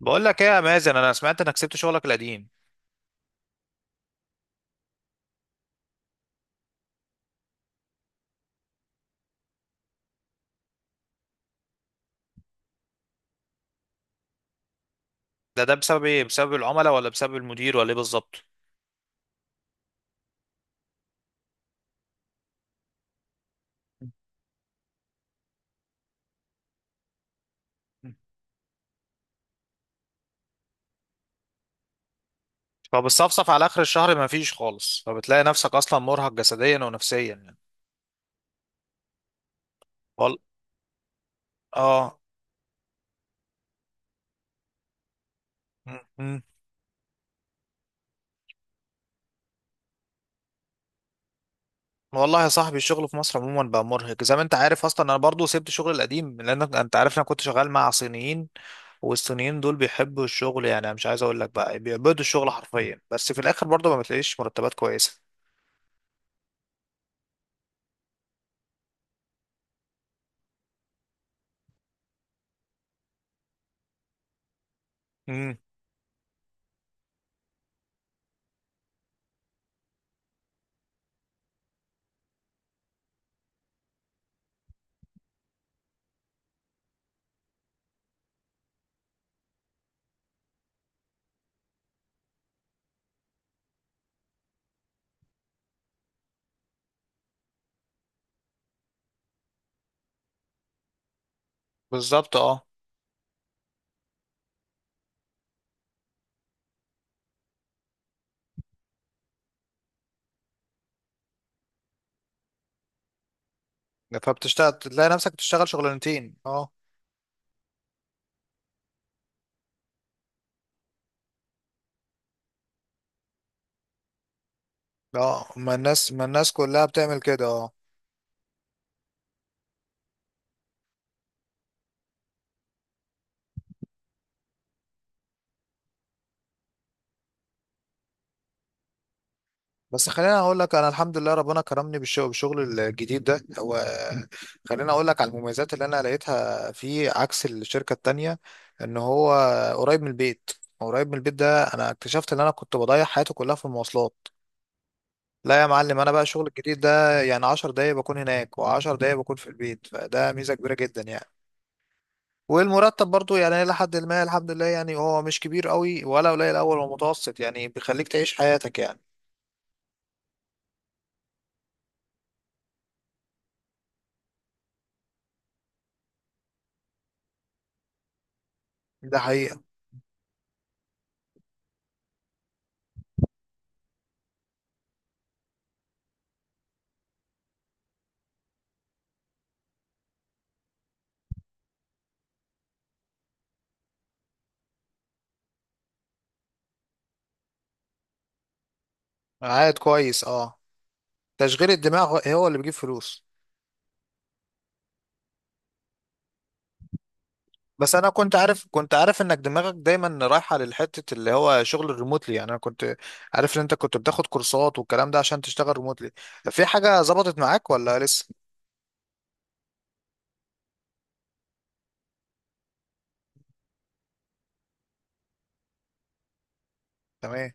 بقول لك ايه يا مازن، انا سمعت انك سبت شغلك القديم. ده بسبب ايه؟ بسبب العملاء، ولا بسبب المدير، ولا ايه بالظبط؟ فبتصفصف على اخر الشهر ما فيش خالص، فبتلاقي نفسك اصلا مرهق جسديا ونفسيا يعني. وال... اه م- م. والله يا صاحبي، الشغل في مصر عموما بقى مرهق، زي ما انت عارف. اصلا انا برضو سبت شغل القديم، لان انت عارف انا كنت شغال مع صينيين. والصينيين دول بيحبوا الشغل، يعني أنا مش عايز اقول لك بقى بيعبدوا الشغل حرفيا، بس في الاخر برضو ما بتلاقيش مرتبات كويسة. امم بالظبط. اه، فبتشتغل تلاقي نفسك بتشتغل شغلانتين، اه. اه، ما الناس كلها بتعمل كده، اه. بس خليني اقول لك، انا الحمد لله ربنا كرمني بالشغل، بالشغل الجديد ده. هو خليني اقول لك على المميزات اللي انا لقيتها فيه عكس الشركة التانية. ان هو قريب من البيت. قريب من البيت ده انا اكتشفت ان انا كنت بضيع حياتي كلها في المواصلات. لا يا معلم، انا بقى الشغل الجديد ده يعني 10 دقايق بكون هناك، و10 دقايق بكون في البيت، فده ميزة كبيرة جدا يعني. والمرتب برضو يعني إلى حد ما الحمد لله، يعني هو مش كبير قوي ولا قليل أوي، هو متوسط يعني بيخليك تعيش حياتك يعني. ده حقيقة. عائد كويس، اه. تشغيل الدماغ هو اللي بيجيب فلوس. بس أنا كنت عارف، كنت عارف إنك دماغك دايما رايحة للحتة اللي هو شغل الريموتلي. يعني أنا كنت عارف إن أنت كنت بتاخد كورسات والكلام ده عشان تشتغل ريموتلي. في حاجة ظبطت معاك ولا لسه؟ تمام.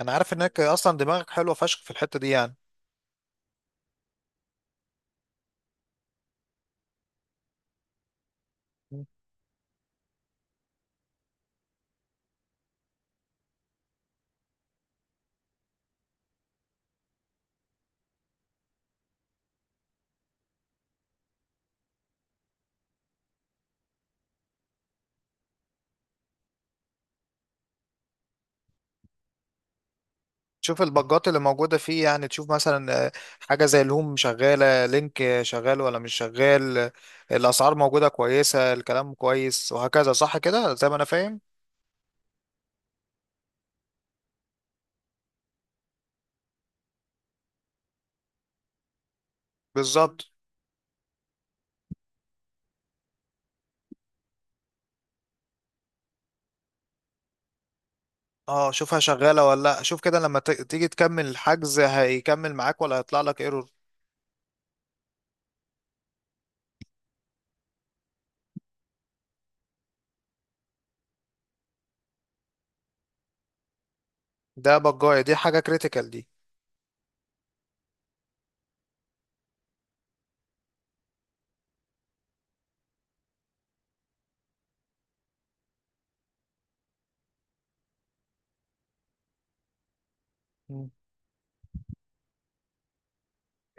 أنا عارف إنك أصلا دماغك حلوة فشخ في الحتة دي يعني. تشوف البجات اللي موجودة فيه، يعني تشوف مثلا حاجة زي الهوم شغالة، لينك شغال ولا مش شغال، الأسعار موجودة كويسة، الكلام كويس وهكذا، صح كده زي ما أنا فاهم؟ بالظبط، اه. شوفها شغالة ولا لأ، شوف كده لما تيجي تكمل الحجز هيكمل معاك ولا هيطلع لك ايرور. ده بجاية، دي حاجة كريتيكال دي. مم.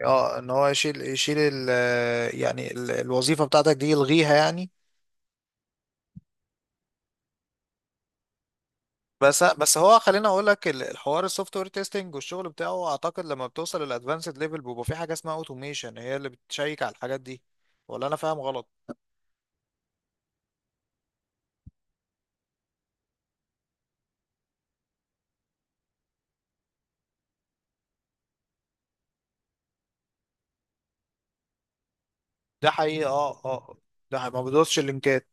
اه، ان هو يشيل ال، يعني ال الوظيفة بتاعتك دي يلغيها يعني. بس هو خليني اقول لك، الحوار السوفت وير تيستنج والشغل بتاعه اعتقد لما بتوصل للادفانسد ليفل بيبقى في حاجه اسمها اوتوميشن، هي اللي بتشيك على الحاجات دي. ولا انا فاهم غلط؟ ده حقيقه، اه اه. ده حقيقة. ما بدوسش اللينكات.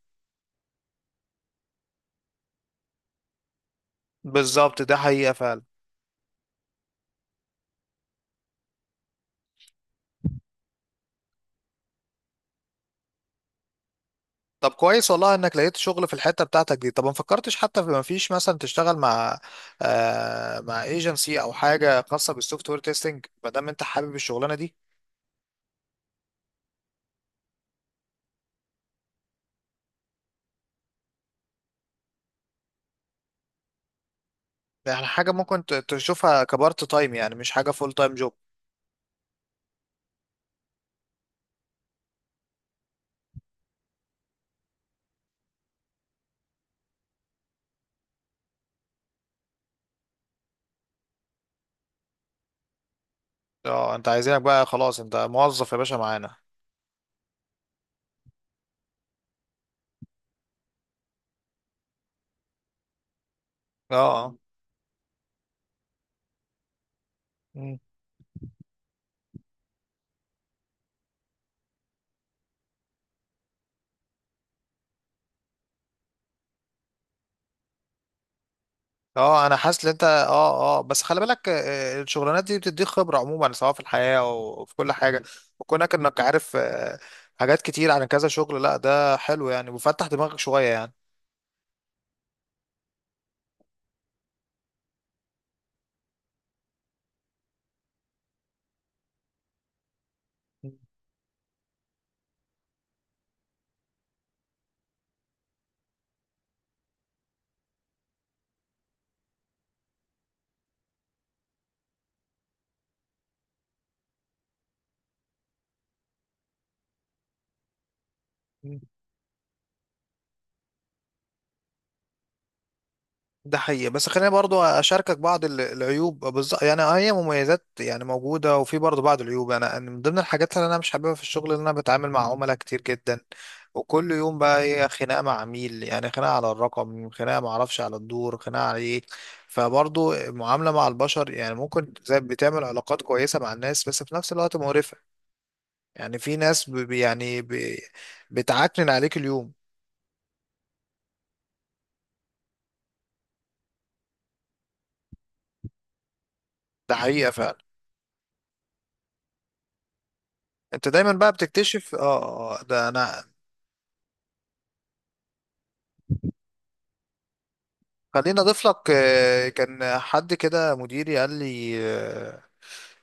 بالظبط، ده حقيقه فعلا. طب كويس والله انك لقيت شغل في الحته بتاعتك دي. طب ما فكرتش حتى، في، ما فيش مثلا تشتغل مع، آه، مع ايجنسي او حاجه خاصه بالسوفت وير تيستنج ما دام انت حابب الشغلانه دي؟ يعني حاجه ممكن تشوفها كبارت تايم، يعني مش حاجه فول تايم جوب. اه، انت عايزينك بقى خلاص، انت موظف يا باشا معانا. اه. اه. مم. اه، انا حاسس ان انت، اه اه، بس خلي بالك الشغلانات دي بتديك خبرة عموما، سواء في الحياة او في كل حاجة. وكونك انك عارف حاجات كتير عن كذا شغل، لا ده حلو يعني، وفتح دماغك شوية يعني. ده حقيقي. بس خليني برضو اشاركك بعض العيوب بالظبط يعني. آه، هي مميزات يعني موجوده، وفي برضو بعض العيوب. انا، من ضمن الحاجات اللي انا مش حاببها في الشغل ان انا بتعامل مع عملاء كتير جدا. وكل يوم بقى هي خناقه مع عميل، يعني خناقه على الرقم، خناقه ما اعرفش على الدور، خناقه على ايه. فبرضو المعامله مع البشر يعني، ممكن زي بتعمل علاقات كويسه مع الناس، بس في نفس الوقت مقرفه. يعني في ناس بتعكنن عليك اليوم. ده حقيقه فعلا. انت دايما بقى بتكتشف، اه ده انا خليني اضيف لك، كان حد كده مديري قال لي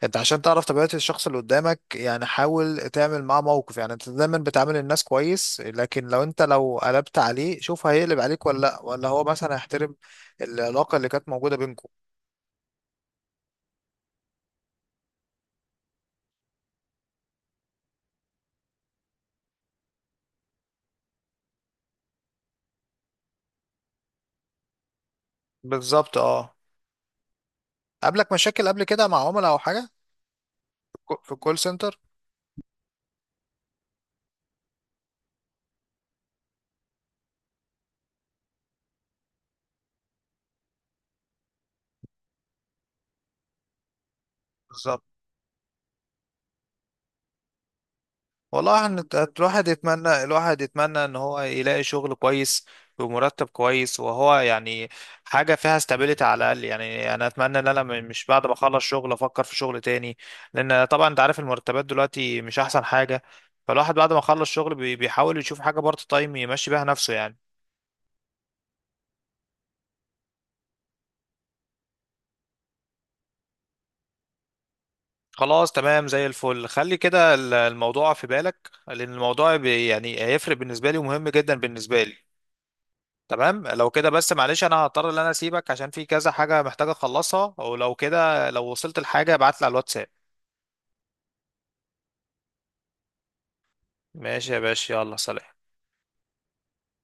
انت عشان تعرف طبيعة الشخص اللي قدامك يعني، حاول تعمل معاه موقف. يعني انت دايما بتعامل الناس كويس، لكن لو انت لو قلبت عليه شوف هيقلب عليك ولا لا، ولا هو مثلا هيحترم العلاقة اللي كانت موجودة بينكم. بالظبط، اه. قابلك مشاكل قبل كده مع عملاء او حاجة، في الكول سنتر؟ بالظبط. والله الواحد يتمنى، الواحد يتمنى ان هو يلاقي شغل كويس، بمرتب كويس، وهو يعني حاجة فيها استابيليتي على الأقل. يعني أنا أتمنى إن أنا مش بعد ما أخلص شغل أفكر في شغل تاني، لأن طبعا أنت عارف المرتبات دلوقتي مش أحسن حاجة. فالواحد بعد ما يخلص شغل بيحاول يشوف حاجة بارت تايم يمشي بيها نفسه يعني. خلاص تمام زي الفل، خلي كده الموضوع في بالك، لأن الموضوع يعني هيفرق بالنسبة لي ومهم جدا بالنسبة لي. تمام لو كده، بس معلش انا هضطر ان انا اسيبك عشان في كذا حاجة محتاج اخلصها، ولو كده لو وصلت لحاجة ابعت لي على الواتساب. ماشي يا باشا، يلا سلام.